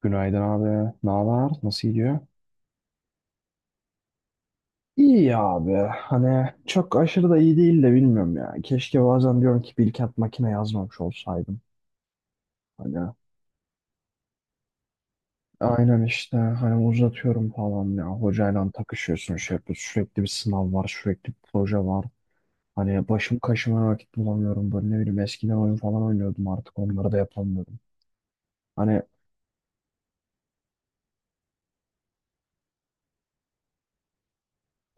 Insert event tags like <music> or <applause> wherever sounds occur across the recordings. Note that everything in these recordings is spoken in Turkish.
Günaydın abi. Ne haber? Nasıl gidiyor? İyi abi. Hani çok aşırı da iyi değil de bilmiyorum ya. Keşke bazen diyorum ki bir iki makine yazmamış olsaydım. Hani aynen işte hani uzatıyorum falan ya. Hocayla takışıyorsun şey yapıyorsun. Sürekli bir sınav var. Sürekli bir proje var. Hani başım kaşıma vakit bulamıyorum. Böyle ne bileyim eskiden oyun falan oynuyordum artık onları da yapamıyorum. Hani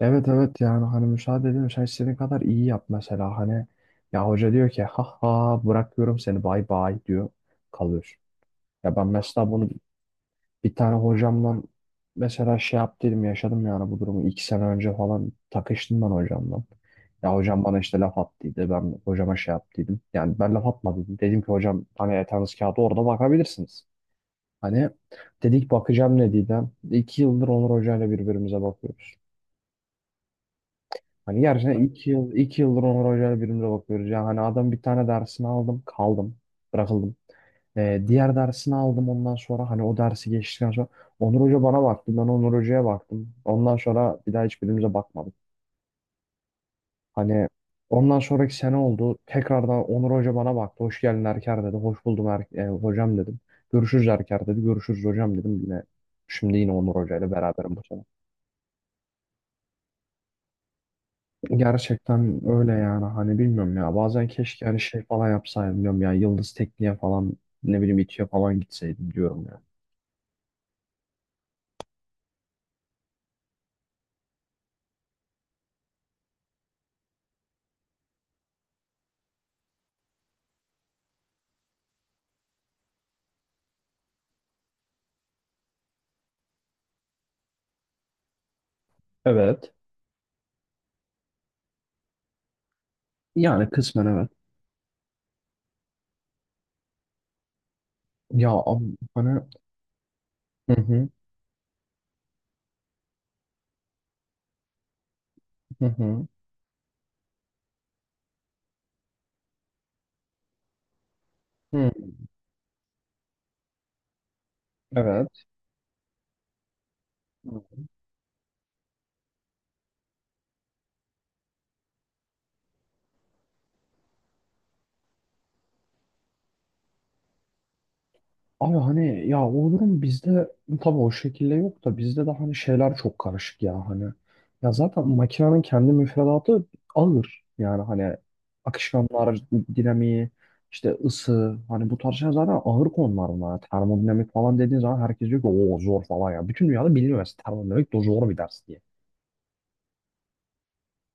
evet evet yani hani müsaade edin sen istediğin kadar iyi yap mesela hani ya hoca diyor ki ha ha bırakıyorum seni bay bay diyor kalıyorsun. Ya ben mesela bunu bir tane hocamla mesela şey yaptıydım yaşadım yani bu durumu iki sene önce falan takıştım ben hocamla. Ya hocam bana işte laf attıydı ben hocama şey yaptıydım yani ben laf atmadım dedim ki hocam hani yatağınız kağıdı orada bakabilirsiniz. Hani dedik bakacağım ne dedi. İki yıldır Onur Hoca'yla birbirimize bakıyoruz. Hani gerçekten iki yıldır Onur Hoca'yla birbirimize bakıyoruz. Yani hani adam bir tane dersini aldım, kaldım, bırakıldım. Diğer dersini aldım ondan sonra hani o dersi geçtikten sonra Onur Hoca bana baktı, ben Onur Hoca'ya baktım. Ondan sonra bir daha hiçbirimize bakmadık. Hani ondan sonraki sene oldu. Tekrardan Onur Hoca bana baktı. Hoş geldin Erker dedi. Hoş buldum hocam dedim. Görüşürüz Erker dedi. Görüşürüz hocam dedim. Yine şimdi yine Onur Hoca ile beraberim bu sene. Gerçekten öyle yani hani bilmiyorum ya bazen keşke hani şey falan yapsaydım diyorum ya Yıldız Tekniğe falan ne bileyim İTÜ'ye falan gitseydim diyorum ya. Evet. Yani kısmen evet. Ya abi, hani, hı hı, hı hı. Hı, evet. Abi hani ya o durum bizde tabii o şekilde yok da bizde de hani şeyler çok karışık ya hani. Ya zaten makinenin kendi müfredatı ağır. Yani hani akışkanlar, dinamiği, işte ısı hani bu tarz şeyler zaten ağır konular bunlar. Termodinamik falan dediğin zaman herkes diyor ki o zor falan ya. Bütün dünyada biliniyor mesela termodinamik de zor bir ders diye.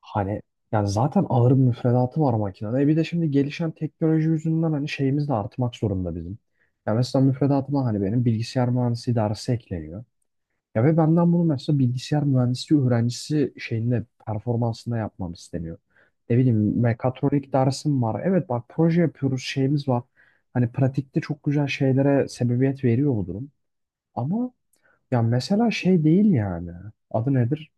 Hani yani zaten ağır bir müfredatı var makinede. E bir de şimdi gelişen teknoloji yüzünden hani şeyimiz de artmak zorunda bizim. Ya mesela müfredatıma hani benim bilgisayar mühendisliği dersi ekleniyor. Ya ve benden bunu mesela bilgisayar mühendisliği öğrencisi şeyinde performansında yapmam isteniyor. Ne bileyim mekatronik dersim var. Evet bak proje yapıyoruz şeyimiz var. Hani pratikte çok güzel şeylere sebebiyet veriyor bu durum. Ama ya mesela şey değil yani. Adı nedir?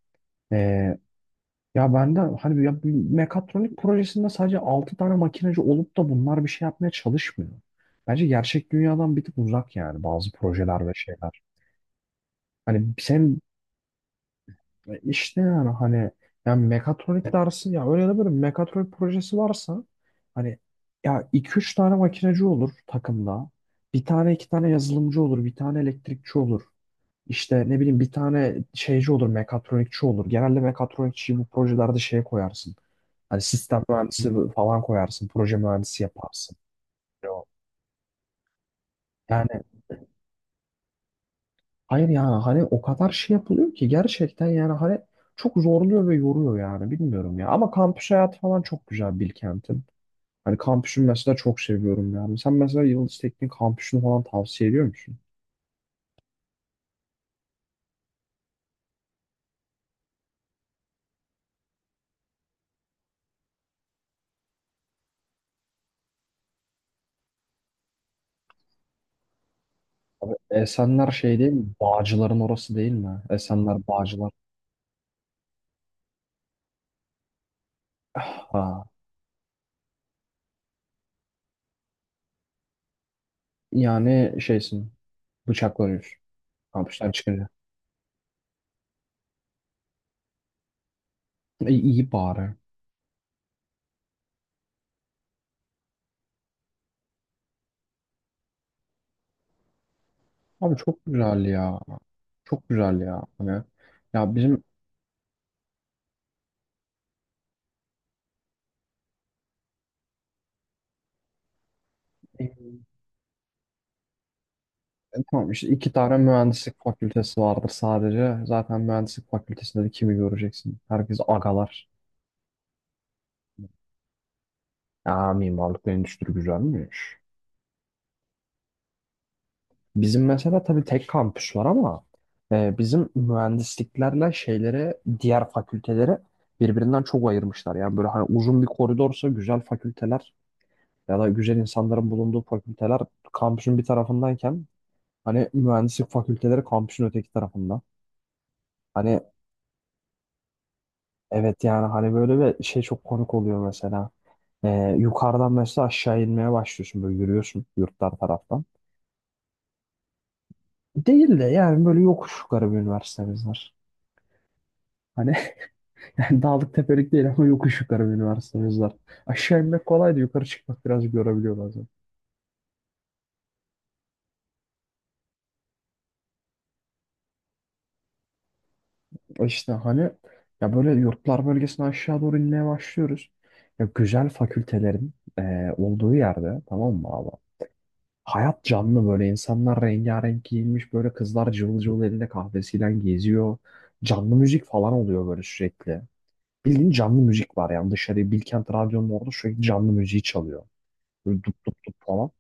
Ya ben de hani ya bir mekatronik projesinde sadece 6 tane makineci olup da bunlar bir şey yapmaya çalışmıyor. Bence gerçek dünyadan bir tık uzak yani bazı projeler ve şeyler. Hani sen işte yani hani yani mekatronik dersi ya öyle de böyle mekatronik projesi varsa hani ya iki üç tane makineci olur takımda. Bir tane iki tane yazılımcı olur, bir tane elektrikçi olur. İşte ne bileyim bir tane şeyci olur, mekatronikçi olur. Genelde mekatronikçiyi bu projelerde şeye koyarsın. Hani sistem mühendisi falan koyarsın, proje mühendisi yaparsın. Yani hayır yani hani o kadar şey yapılıyor ki gerçekten yani hani çok zorluyor ve yoruyor yani bilmiyorum ya. Ama kampüs hayatı falan çok güzel Bilkent'in. Hani kampüsünü mesela çok seviyorum yani. Sen mesela Yıldız Teknik kampüsünü falan tavsiye ediyor musun? Abi Esenler şey değil mi? Bağcıların orası değil mi? Esenler Bağcılar. Ah, yani şeysin. Bıçaklanıyorsun. Hapisten çıkınca. E, iyi bari. Abi çok güzel ya. Çok güzel ya. Hani ya bizim e, tamam işte iki tane mühendislik fakültesi vardır sadece. Zaten mühendislik fakültesinde de kimi göreceksin? Herkes agalar. Ya mimarlık ve endüstri güzelmiş. Bizim mesela tabii tek kampüs var ama bizim mühendisliklerle şeylere diğer fakültelere birbirinden çok ayırmışlar. Yani böyle hani uzun bir koridorsa güzel fakülteler ya da güzel insanların bulunduğu fakülteler kampüsün bir tarafındayken hani mühendislik fakülteleri kampüsün öteki tarafında. Hani evet yani hani böyle bir şey çok komik oluyor mesela. Yukarıdan mesela aşağı inmeye başlıyorsun böyle yürüyorsun yurtlar taraftan. Değil de yani böyle yokuş yukarı bir üniversitemiz var. Hani <laughs> yani dağlık tepelik değil ama yokuş yukarı bir üniversitemiz var. Aşağı inmek kolaydı yukarı çıkmak biraz görebiliyor bazen. İşte hani ya böyle yurtlar bölgesine aşağı doğru inmeye başlıyoruz. Ya güzel fakültelerin olduğu yerde tamam mı abi? Hayat canlı böyle insanlar rengarenk giyinmiş böyle kızlar cıvıl cıvıl elinde kahvesiyle geziyor. Canlı müzik falan oluyor böyle sürekli. Bildiğin canlı müzik var yani dışarıya Bilkent Radyo'nun orada sürekli canlı müziği çalıyor. Böyle dup dup dup falan.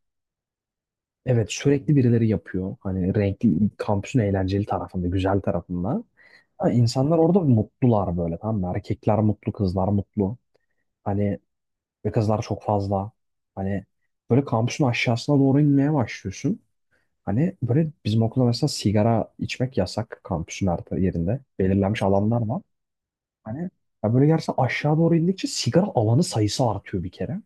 Evet sürekli birileri yapıyor. Hani renkli kampüsün eğlenceli tarafında, güzel tarafında. Ha, insanlar orada mutlular böyle tamam mı? Erkekler mutlu, kızlar mutlu. Hani ve kızlar çok fazla. Hani böyle kampüsün aşağısına doğru inmeye başlıyorsun. Hani böyle bizim okulda mesela sigara içmek yasak kampüsün her yerinde. Belirlenmiş alanlar var. Hani ya böyle gerçekten aşağı doğru indikçe sigara alanı sayısı artıyor bir kere.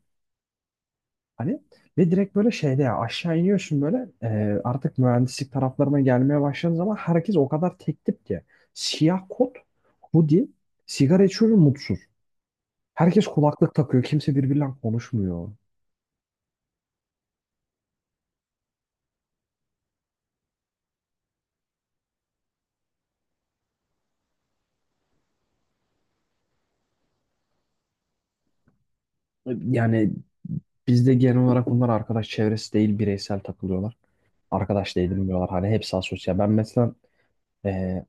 Hani ve direkt böyle şeyde ya aşağı iniyorsun böyle artık mühendislik taraflarına gelmeye başladığın zaman herkes o kadar tek tip ki. Siyah kot, hoodie, sigara içiyor ve mutsuz. Herkes kulaklık takıyor. Kimse birbiriyle konuşmuyor. Yani bizde genel olarak bunlar arkadaş çevresi değil bireysel takılıyorlar. Arkadaş da edinmiyorlar. Hani hepsi asosyal. Ben mesela e,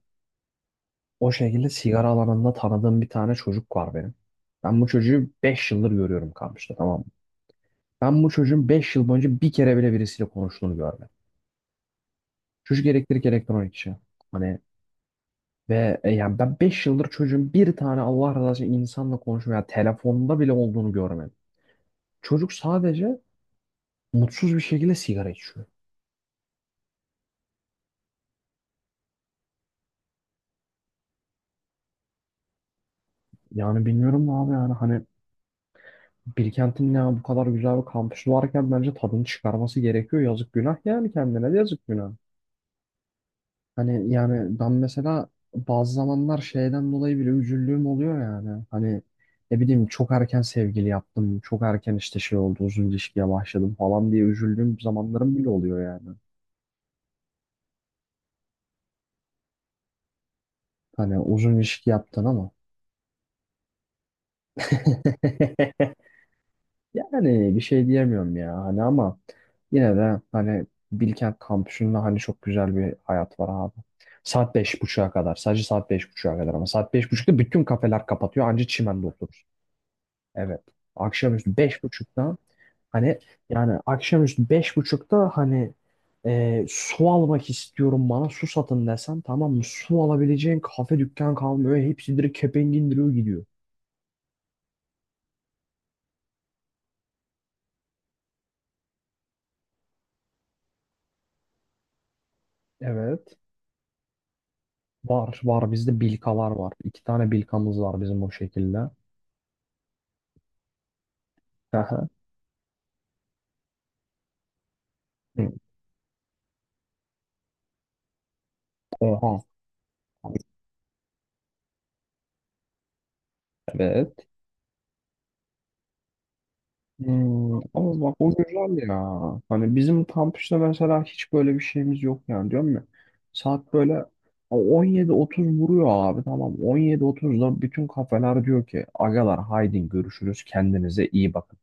o şekilde sigara alanında tanıdığım bir tane çocuk var benim. Ben bu çocuğu 5 yıldır görüyorum kampüste tamam mı? Ben bu çocuğun 5 yıl boyunca bir kere bile birisiyle konuştuğunu görmedim. Çocuk elektrik elektronik işi. Hani ve yani ben 5 yıldır çocuğun bir tane Allah razı olsun insanla konuşma ya telefonda bile olduğunu görmedim. Çocuk sadece mutsuz bir şekilde sigara içiyor. Yani bilmiyorum abi yani hani Bilkent'in ya bu kadar güzel bir kampüsü varken bence tadını çıkarması gerekiyor. Yazık günah yani kendine de yazık günah. Hani yani ben mesela bazı zamanlar şeyden dolayı bile üzüldüğüm oluyor yani. Hani ne bileyim çok erken sevgili yaptım, çok erken işte şey oldu, uzun ilişkiye başladım falan diye üzüldüğüm zamanlarım bile oluyor yani. Hani uzun ilişki yaptın ama. <laughs> Yani bir şey diyemiyorum ya hani ama yine de hani Bilkent kampüsünde hani çok güzel bir hayat var abi. Saat beş buçuğa kadar. Sadece saat beş buçuğa kadar ama saat beş buçukta bütün kafeler kapatıyor. Anca çimende oturursun. Evet. Akşamüstü beş buçukta hani yani akşamüstü beş buçukta hani su almak istiyorum bana su satın desen tamam mı? Su alabileceğin kafe dükkan kalmıyor. Hepsi direkt kepenk indiriyor gidiyor. Evet. Var var bizde bilkalar var. İki tane bilkamız var bizim o şekilde. Aha. Hı. Oha. Evet. Hmm, ama bak o güzel ya. Hani bizim kampüste mesela hiç böyle bir şeyimiz yok yani diyorum ya. Saat böyle 17:30 vuruyor abi tamam. 17:30'da bütün kafeler diyor ki agalar haydi görüşürüz kendinize iyi bakın.